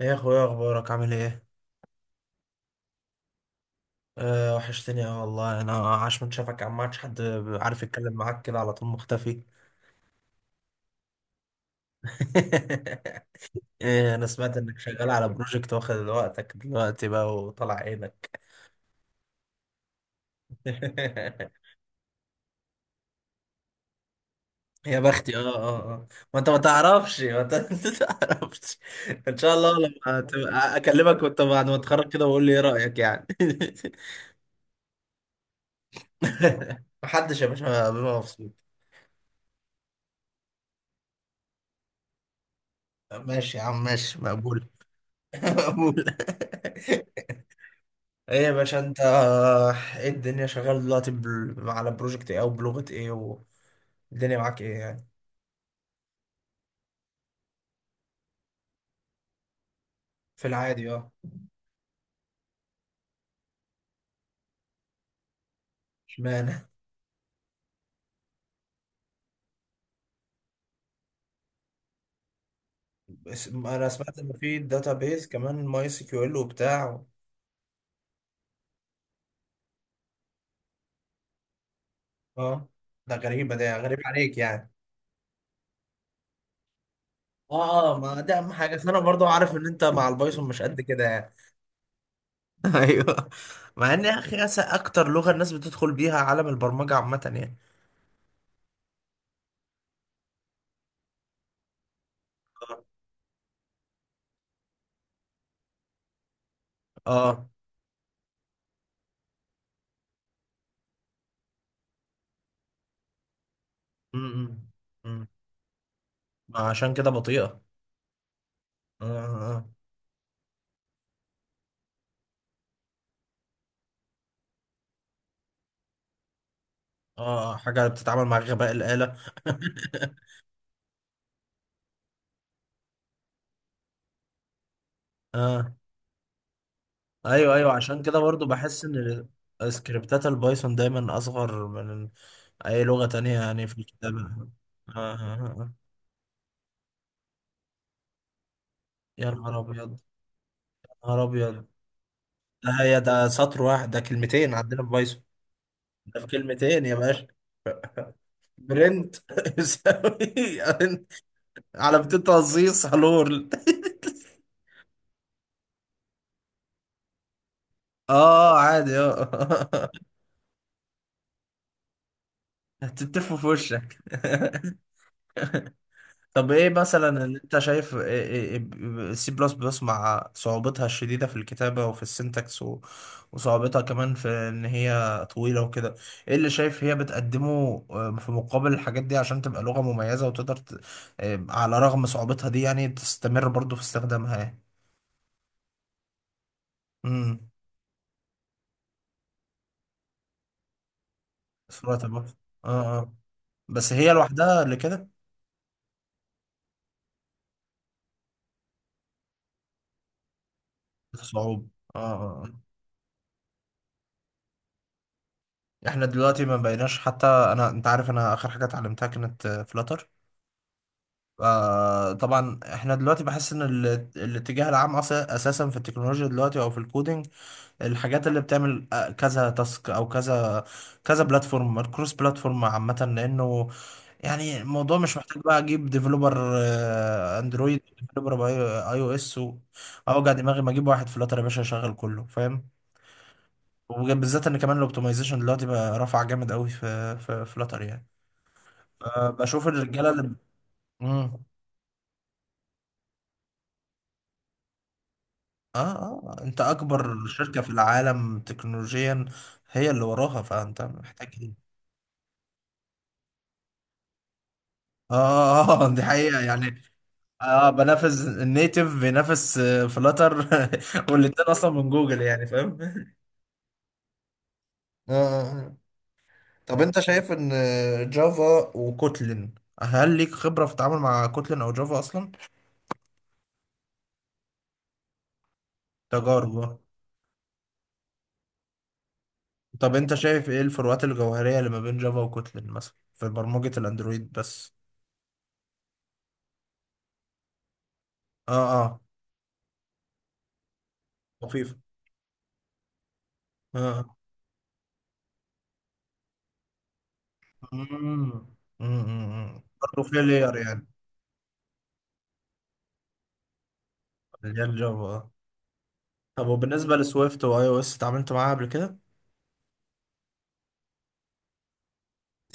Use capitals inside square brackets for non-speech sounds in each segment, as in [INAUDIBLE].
ايه يا اخويا، اخبارك؟ عامل ايه؟ أه وحشتني، اه والله. انا عاش من شافك يا عم، ما عادش حد عارف يتكلم معاك كده على طول مختفي. [LAUGHS] إيه، انا سمعت انك شغال على بروجكت واخد وقتك دلوقتي بقى وطلع عينك. [LAUGHS] يا بختي، اه اه اه. ما انت ما تعرفش، ما انت [LAUGHS] ما تعرفش. ان شاء الله لما تبقى اكلمك وانت بعد ما تتخرج كده وقول لي ايه رايك يعني. [LAUGHS] محدش يا باشا بيبقى مبسوط. ماشي يا عم، ماشي مقبول. [LAUGHS] مقبول. ايه يا باشا انت، ايه الدنيا؟ شغال دلوقتي على بروجكت ايه او بلغة ايه؟ والدنيا معاك ايه يعني؟ في العادي اه. اشمعنى؟ بس انا سمعت ان في بيز كمان، ماي سي كيو ال وبتاع. اه ده غريبة، ده غريب عليك يعني. اه اه، ما ده اهم حاجة. بس انا برضو عارف ان انت مع البايثون مش قد كده يعني. [LAUGHS] ايوه. مع ان يا اخي اكتر لغة الناس بتدخل بيها عالم البرمجة عامة يعني. اه. امم عشان كده بطيئة. اه اه آه. اه حاجة بتتعامل مع غباء الآلة. [LAUGHS] اه. ايوه ايوه، عشان كده برضو بحس ان سكريبتات البايثون دايما اصغر من اي لغة تانية يعني في الكتابة آه. آه آه. آه. يا نهار ابيض، يا نهار ابيض. ده هي ده سطر واحد، ده كلمتين عندنا في بايثون. ده في كلمتين يا باشا. برنت [LAUGHS] يساوي على بتين تهزيص هلور. [LAUGHS] اه عادي اه. [LAUGHS] هتتفوا في وشك. [LAUGHS] طب ايه مثلا اللي انت شايف السي بلس بلس مع صعوبتها الشديدة في الكتابة وفي السنتكس وصعوبتها كمان في ان هي طويلة وكده، ايه اللي شايف هي بتقدمه آه، في مقابل الحاجات دي عشان تبقى لغة مميزة وتقدر آه، على رغم صعوبتها دي يعني تستمر برضو في استخدامها يعني. امم سرعة البحث. اه اه. بس هي لوحدها اللي كده. صعوبة اه اه آه. احنا دلوقتي ما بقيناش حتى، انا انت عارف انا اخر حاجة اتعلمتها كانت فلاتر. آه طبعا، احنا دلوقتي بحس ان الاتجاه العام اساسا في التكنولوجيا دلوقتي او في الكودينج، الحاجات اللي بتعمل آه، كذا تاسك او كذا كذا بلاتفورم، الكروس بلاتفورم عامة لانه يعني الموضوع مش محتاج بقى اجيب ديفلوبر اندرويد، ديفلوبر اي او اس، اوجع دماغي ما اجيب واحد فلاتر يا باشا يشغل كله فاهم. وبالذات ان كمان الاوبتمايزيشن دلوقتي بقى رافع جامد قوي في فلاتر يعني. آه، بشوف الرجاله اللي مم. اه اه، انت اكبر شركة في العالم تكنولوجيا هي اللي وراها، فانت محتاج ايه؟ اه اه آه، دي حقيقة يعني. اه، بنافس النيتف، بينافس فلاتر. [LAUGHS] والاتنين اصلا من جوجل يعني فاهم اه. آه، آه. طب انت شايف ان جافا وكوتلين، هل ليك خبرة في التعامل مع كوتلين او جافا اصلا؟ تجارب. طب انت شايف ايه الفروقات الجوهرية اللي ما بين جافا وكوتلين مثلا في برمجة الاندرويد بس. اه اه. لطيف. اه آه. امم امم برضه فيها لاير يعني. اللي هي الجافا آه. طب وبالنسبة لسويفت واي او اس، اتعاملت معاها قبل كده؟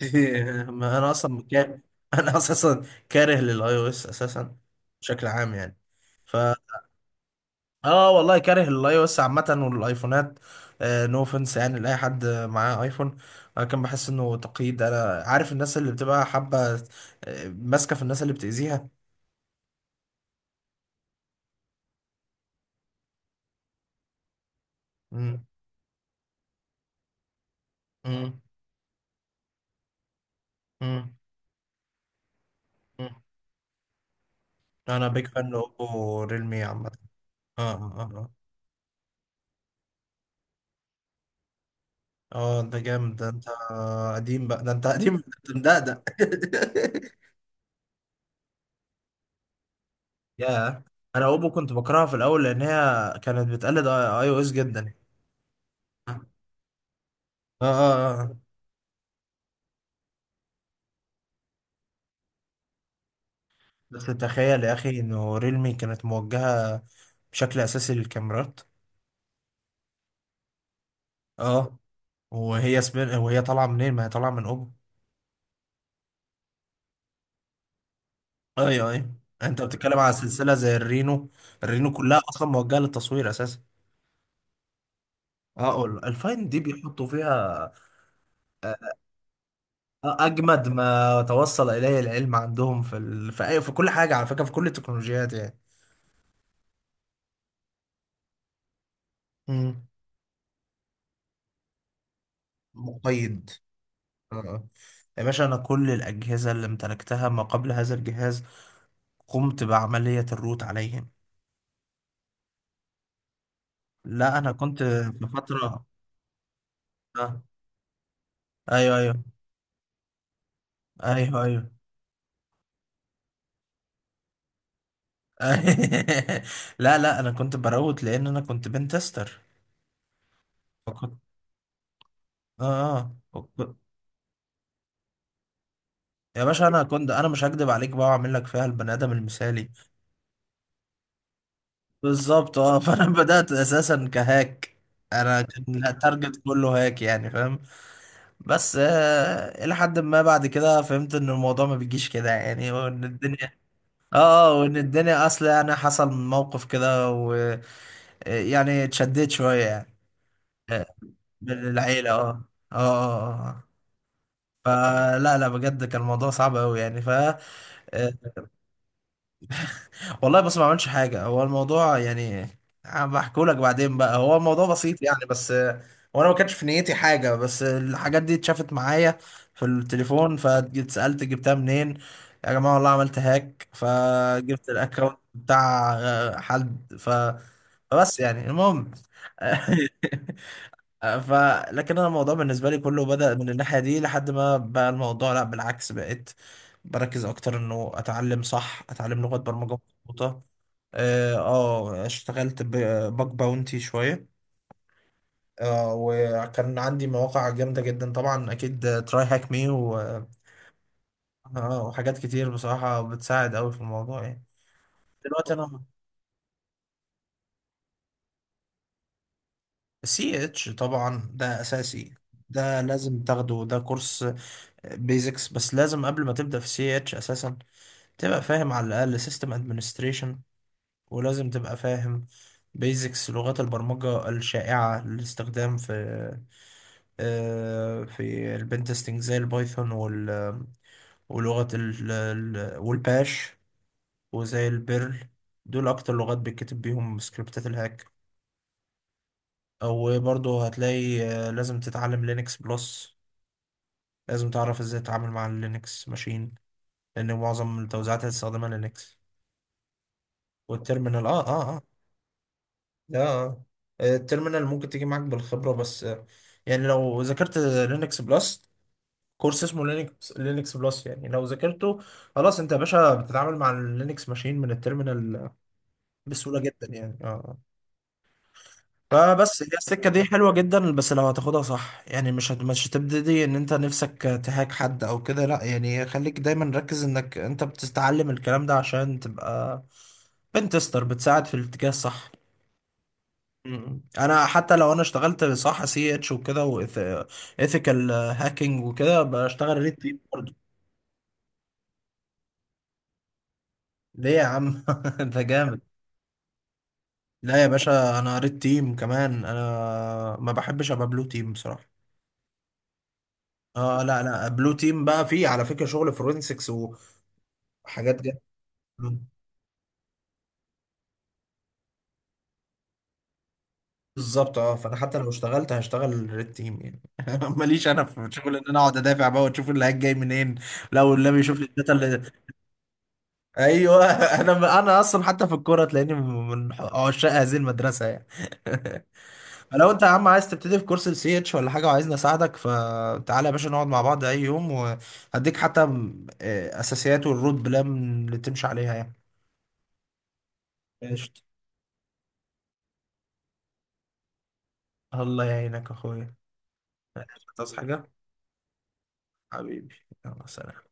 [LAUGHS] ما انا اصلا كاره. انا اساسا كاره للاي او اس اساسا، بشكل عام يعني. ف اه والله، كاره للاي او اس عامة والايفونات. نو اوفنس يعني لاي حد معاه ايفون. لكن بحس انه تقييد، انا عارف الناس اللي بتبقى حابة آه، ماسكة في الناس اللي بتأذيها. امم امم امم انا بيك فان اوبو ريلمي عامه. اه اه اه. اه ده جامد، ده انت قديم بقى، ده انت قديم. [LAUGHS] ده انت مدقدق. [LAUGHS] يا، انا اوبو كنت بكرهها في الاول لان هي كانت بتقلد اي او اس جدا. اه اه اه آه. بس تخيل يا اخي انه ريلمي كانت موجهه بشكل اساسي للكاميرات. اه، وهي سبين وهي طالعه منين؟ ما هي طالعه من اوبو. اي اي، انت بتتكلم على سلسله زي الرينو. الرينو كلها اصلا موجهه للتصوير اساسا. اقول الفاين دي بيحطوا فيها آه، آه، اجمد ما توصل اليه العلم عندهم في ال... في، أي... في كل حاجه على فكره، في كل التكنولوجيات يعني. مم. مقيد. آه. آه. يا باشا انا كل الاجهزه اللي امتلكتها ما قبل هذا الجهاز قمت بعمليه الروت عليهم. لا انا كنت في فتره آه. ايوه ايوه. ايوه ايوه. [LAUGHS] لا لا، انا كنت بروت لان انا كنت بنتستر. فكنت اه آه. يا باشا انا كنت، انا مش هكدب عليك بقى واعمل لك فيها البني ادم المثالي. بالظبط اه. [LAUGHS] فانا بدات اساسا كهاك. انا كان التارجت كله هاك يعني فاهم. بس آه، الى حد ما بعد كده فهمت ان الموضوع ما بيجيش كده يعني، وان الدنيا اه آه، وان الدنيا اصلا يعني حصل موقف كده ويعني اتشديت شويه يعني. آه، من العيله اه. اه اه آه. آه. فلا لا، بجد كان الموضوع صعب قوي يعني ف آه، والله بس ما عملش حاجة هو الموضوع يعني، بحكوا لك بعدين بقى، هو الموضوع بسيط يعني بس آه، وانا ما كانش في نيتي حاجة بس الحاجات دي اتشافت معايا في التليفون، فاتسألت جبتها منين. يا جماعة والله عملت هاك، فجبت الاكونت بتاع آه، حد ف فبس يعني المهم. [LAUGHS] آه، ف. لكن انا الموضوع بالنسبه لي كله بدأ من الناحيه دي، لحد ما بقى الموضوع لا بالعكس، بقيت بركز اكتر انه اتعلم صح، اتعلم لغه برمجه مظبوطه. اه آه، اشتغلت بباك باونتي شويه. آه وكان عندي مواقع جامده جدا طبعا، اكيد تراي هاك مي و آه، وحاجات كتير بصراحه بتساعد قوي في الموضوع يعني. دلوقتي انا، سي اتش طبعا ده اساسي، ده لازم تاخده ده كورس. بيزكس بس لازم قبل ما تبدأ في سي اتش اساسا تبقى فاهم على الأقل سيستم ادمنستريشن، ولازم تبقى فاهم بيزكس لغات البرمجة الشائعة للاستخدام في آه، في البن تيستنج زي البايثون وال ولغة والباش وزي البيرل. دول أكتر لغات بيتكتب بيهم سكريبتات الهاك. أو برضه هتلاقي آه، لازم تتعلم لينكس بلس، لازم تعرف ازاي تتعامل مع اللينكس ماشين، لأن معظم التوزيعات هتستخدمها لينكس. والتيرمينال اه اه آه. اه التيرمينال ممكن تيجي معاك بالخبرة، بس آه، يعني لو ذاكرت لينكس بلس، كورس اسمه لينكس، لينكس بلس يعني لو ذاكرته خلاص، انت يا باشا بتتعامل مع اللينكس ماشين من التيرمينال بسهولة جدا يعني اه. فبس هي السكة دي حلوة جدا، بس لو هتاخدها صح يعني، مش هتبتدي ان انت نفسك تهاك حد او كده لا يعني، خليك دايما ركز انك انت بتتعلم الكلام ده عشان تبقى بنتستر، بتساعد في الاتجاه الصح. مم. انا حتى لو انا اشتغلت صح سي اتش وكده وايثيكال هاكينج وكده بشتغل ريد تيم برضه. ليه يا عم؟ [LAUGHS] انت جامد. لا يا باشا، انا ريد تيم كمان، انا ما بحبش ابقى بلو تيم بصراحه. اه لا لا، بلو تيم بقى فيه على فكره شغل فورنسكس وحاجات جد. بالظبط اه. فانا حتى لو اشتغلت هشتغل ريد تيم يعني. [LAUGHS] ماليش انا في شغل ان انا اقعد ادافع بقى وتشوف اللي جاي منين. لو اللي بيشوف لي الداتا اللي. ايوه. [LAUGHS] انا اصلا حتى في الكوره تلاقيني من عشاق هذه المدرسه يعني. [LAUGHS] لو انت يا عم عايز تبتدي في كورس السي اتش ولا حاجه وعايزني اساعدك، فتعالى يا باشا نقعد مع بعض اي يوم وهديك حتى آه، اساسيات والرود بلان اللي تمشي عليها يعني. قشطة. الله يعينك يا اخويا. تصحى حاجه؟ حبيبي، يلا سلام.